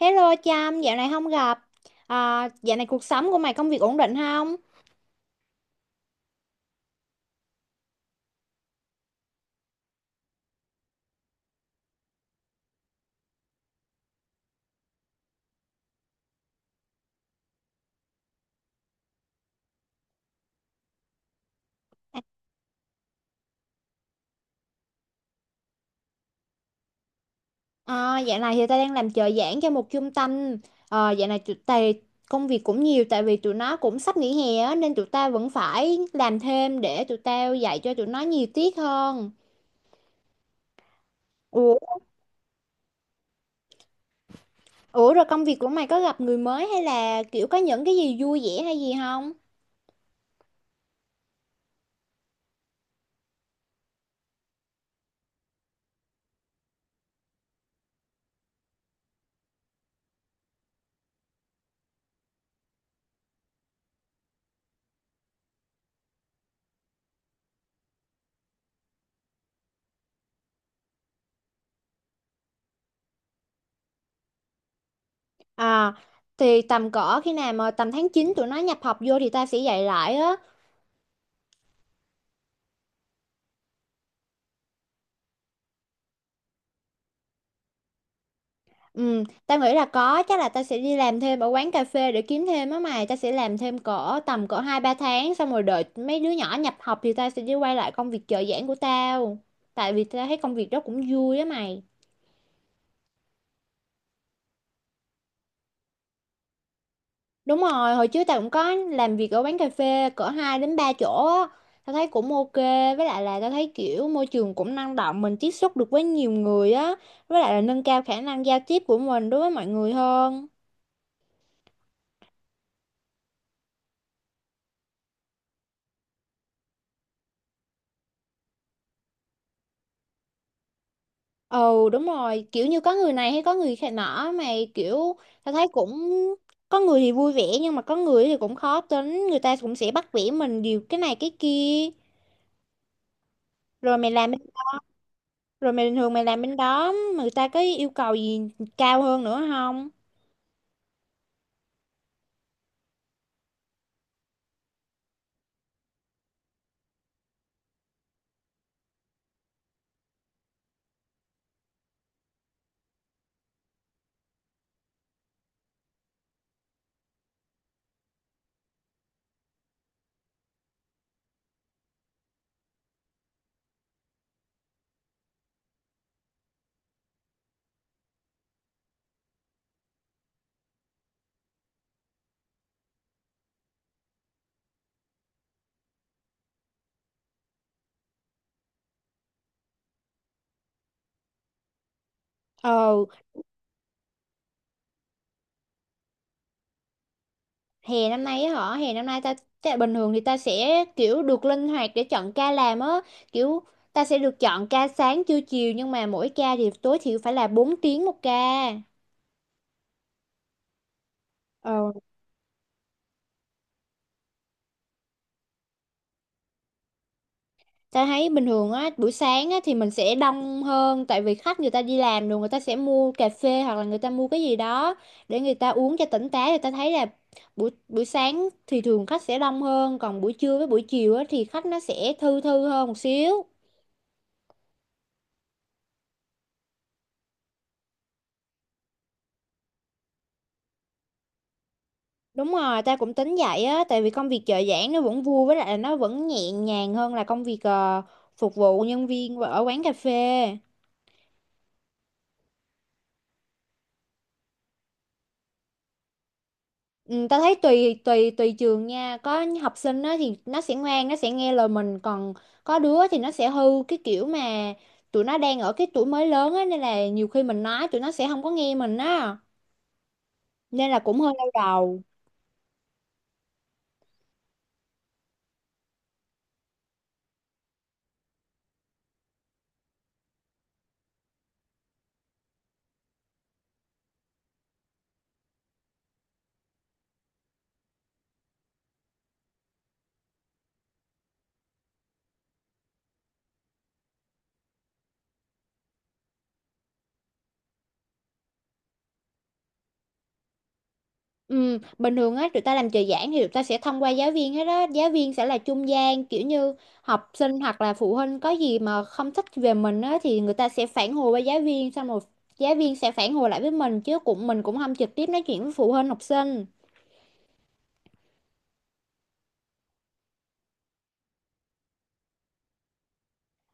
Hello Trâm, dạo này không gặp. À, dạo này cuộc sống của mày công việc ổn định không? À, dạo này thì tao đang làm trợ giảng cho một trung tâm. À, dạo này tụi tày công việc cũng nhiều tại vì tụi nó cũng sắp nghỉ hè á, nên tụi tao vẫn phải làm thêm để tụi tao dạy cho tụi nó nhiều tiết hơn. Ủa, ủa, rồi công việc của mày có gặp người mới hay là kiểu có những cái gì vui vẻ hay gì không? À, thì tầm cỡ khi nào mà tầm tháng 9 tụi nó nhập học vô thì tao sẽ dạy lại á. Ừ, tao nghĩ là có, chắc là tao sẽ đi làm thêm ở quán cà phê để kiếm thêm á mày, tao sẽ làm thêm cỡ tầm cỡ 2 3 tháng xong rồi đợi mấy đứa nhỏ nhập học thì tao sẽ đi quay lại công việc trợ giảng của tao. Tại vì tao thấy công việc đó cũng vui á mày. Đúng rồi, hồi trước tao cũng có làm việc ở quán cà phê cỡ 2 đến 3 chỗ á. Tao thấy cũng ok, với lại là tao thấy kiểu môi trường cũng năng động, mình tiếp xúc được với nhiều người á, với lại là nâng cao khả năng giao tiếp của mình đối với mọi người hơn. Ừ, đúng rồi, kiểu như có người này hay có người khác nọ, mà kiểu ta thấy cũng có người thì vui vẻ nhưng mà có người thì cũng khó tính, người ta cũng sẽ bắt bẻ mình điều cái này cái kia. rồi mày làm Rồi mày bình thường mày làm bên đó mà người ta có yêu cầu gì cao hơn nữa không? Ờ, hè năm nay á hả, hè năm nay ta, ta bình thường thì ta sẽ kiểu được linh hoạt để chọn ca làm á, kiểu ta sẽ được chọn ca sáng trưa chiều nhưng mà mỗi ca thì tối thiểu phải là 4 tiếng một ca. Ờ. Ta thấy bình thường á, buổi sáng á, thì mình sẽ đông hơn tại vì khách người ta đi làm rồi người ta sẽ mua cà phê hoặc là người ta mua cái gì đó để người ta uống cho tỉnh táo, thì ta thấy là buổi buổi sáng thì thường khách sẽ đông hơn, còn buổi trưa với buổi chiều á, thì khách nó sẽ thư thư hơn một xíu. Đúng rồi, ta cũng tính vậy á tại vì công việc trợ giảng nó vẫn vui, với lại là nó vẫn nhẹ nhàng hơn là công việc phục vụ nhân viên ở quán cà phê. Ừ, ta thấy tùy tùy tùy trường nha, có học sinh á thì nó sẽ ngoan, nó sẽ nghe lời mình, còn có đứa thì nó sẽ hư, cái kiểu mà tụi nó đang ở cái tuổi mới lớn á, nên là nhiều khi mình nói tụi nó sẽ không có nghe mình á, nên là cũng hơi đau đầu. Ừ, bình thường á tụi ta làm trợ giảng thì tụi ta sẽ thông qua giáo viên hết đó, giáo viên sẽ là trung gian, kiểu như học sinh hoặc là phụ huynh có gì mà không thích về mình á thì người ta sẽ phản hồi với giáo viên, xong rồi giáo viên sẽ phản hồi lại với mình, chứ cũng mình cũng không trực tiếp nói chuyện với phụ huynh học sinh.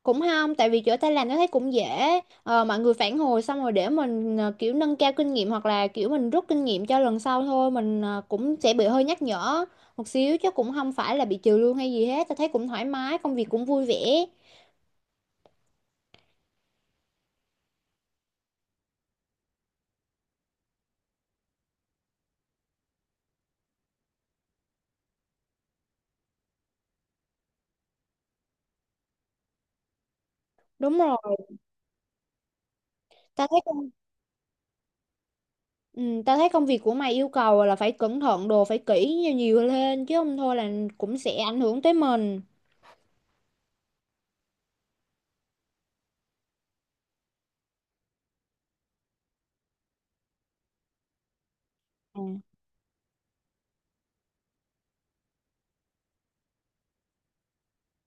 Cũng không, tại vì chỗ ta làm nó thấy cũng dễ, mọi người phản hồi xong rồi để mình kiểu nâng cao kinh nghiệm hoặc là kiểu mình rút kinh nghiệm cho lần sau thôi, mình cũng sẽ bị hơi nhắc nhở một xíu chứ cũng không phải là bị trừ lương hay gì hết, ta thấy cũng thoải mái, công việc cũng vui vẻ. Đúng rồi. ta thấy công- ừ, ta thấy công việc của mày yêu cầu là phải cẩn thận đồ, phải kỹ nhiều lên chứ không thôi là cũng sẽ ảnh hưởng tới mình.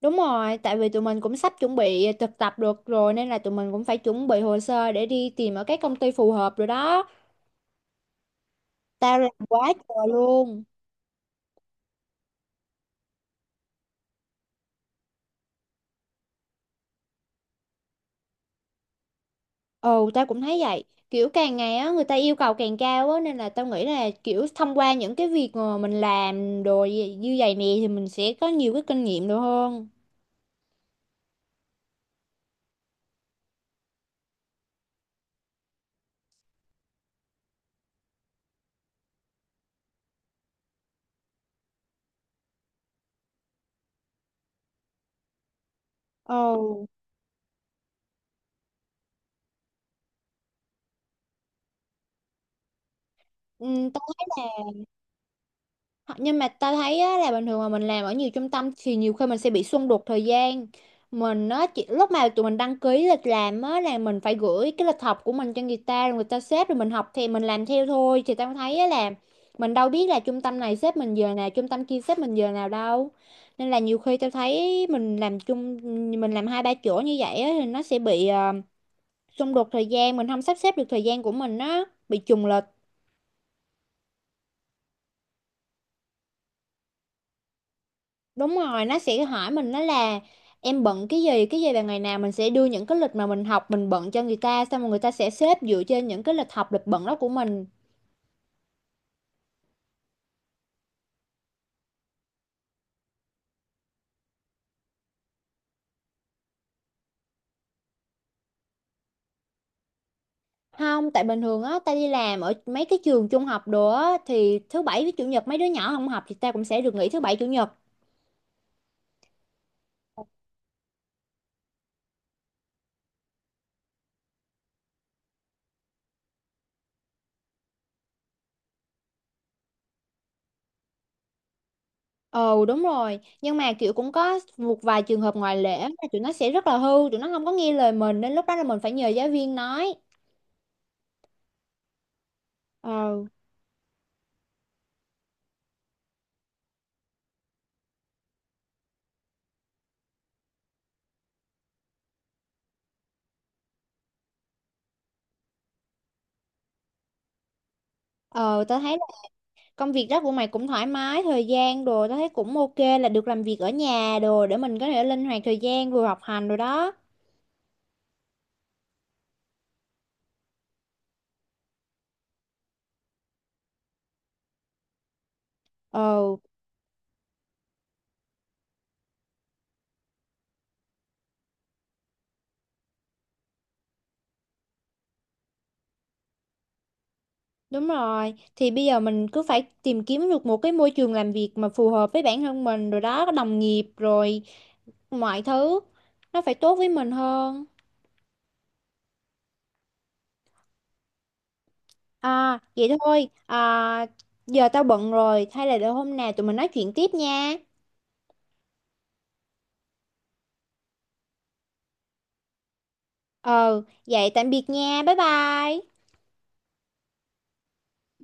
Đúng rồi, tại vì tụi mình cũng sắp chuẩn bị thực tập được rồi nên là tụi mình cũng phải chuẩn bị hồ sơ để đi tìm ở các công ty phù hợp rồi đó. Tao làm quá trời luôn. Ồ, tao cũng thấy vậy. Kiểu càng ngày á người ta yêu cầu càng cao á nên là tao nghĩ là kiểu thông qua những cái việc mà mình làm như vậy nè thì mình sẽ có nhiều cái kinh nghiệm được hơn. Ồ, ừ, tao Nhưng mà ta thấy á, là bình thường mà mình làm ở nhiều trung tâm thì nhiều khi mình sẽ bị xung đột thời gian. Mình á, lúc mà tụi mình đăng ký lịch làm á, là mình phải gửi cái lịch học của mình cho người ta, rồi người ta xếp rồi mình học thì mình làm theo thôi. Thì tao thấy á, là mình đâu biết là trung tâm này xếp mình giờ nào, trung tâm kia xếp mình giờ nào đâu. Nên là nhiều khi tao thấy mình làm chung, mình làm hai ba chỗ như vậy á, thì nó sẽ bị xung đột thời gian, mình không sắp xếp được thời gian của mình á, bị trùng lịch. Đúng rồi, nó sẽ hỏi mình, nó là em bận cái gì vào ngày nào, mình sẽ đưa những cái lịch mà mình học mình bận cho người ta, xong rồi người ta sẽ xếp dựa trên những cái lịch học lịch bận đó của mình. Không, tại bình thường á, ta đi làm ở mấy cái trường trung học đồ á, thì thứ bảy với chủ nhật mấy đứa nhỏ không học thì ta cũng sẽ được nghỉ thứ bảy chủ nhật. Ồ đúng rồi, nhưng mà kiểu cũng có một vài trường hợp ngoại lệ á, là tụi nó sẽ rất là hư, tụi nó không có nghe lời mình nên lúc đó là mình phải nhờ giáo viên nói. Ờ, ờ, tao thấy công việc đó của mày cũng thoải mái thời gian đồ, tao thấy cũng ok, là được làm việc ở nhà đồ để mình có thể linh hoạt thời gian vừa học hành rồi đó. Ờ, đúng rồi, thì bây giờ mình cứ phải tìm kiếm được một cái môi trường làm việc mà phù hợp với bản thân mình rồi đó, có đồng nghiệp rồi mọi thứ nó phải tốt với mình hơn. À vậy thôi, giờ tao bận rồi hay là để hôm nào tụi mình nói chuyện tiếp nha. Ờ, vậy tạm biệt nha, bye bye.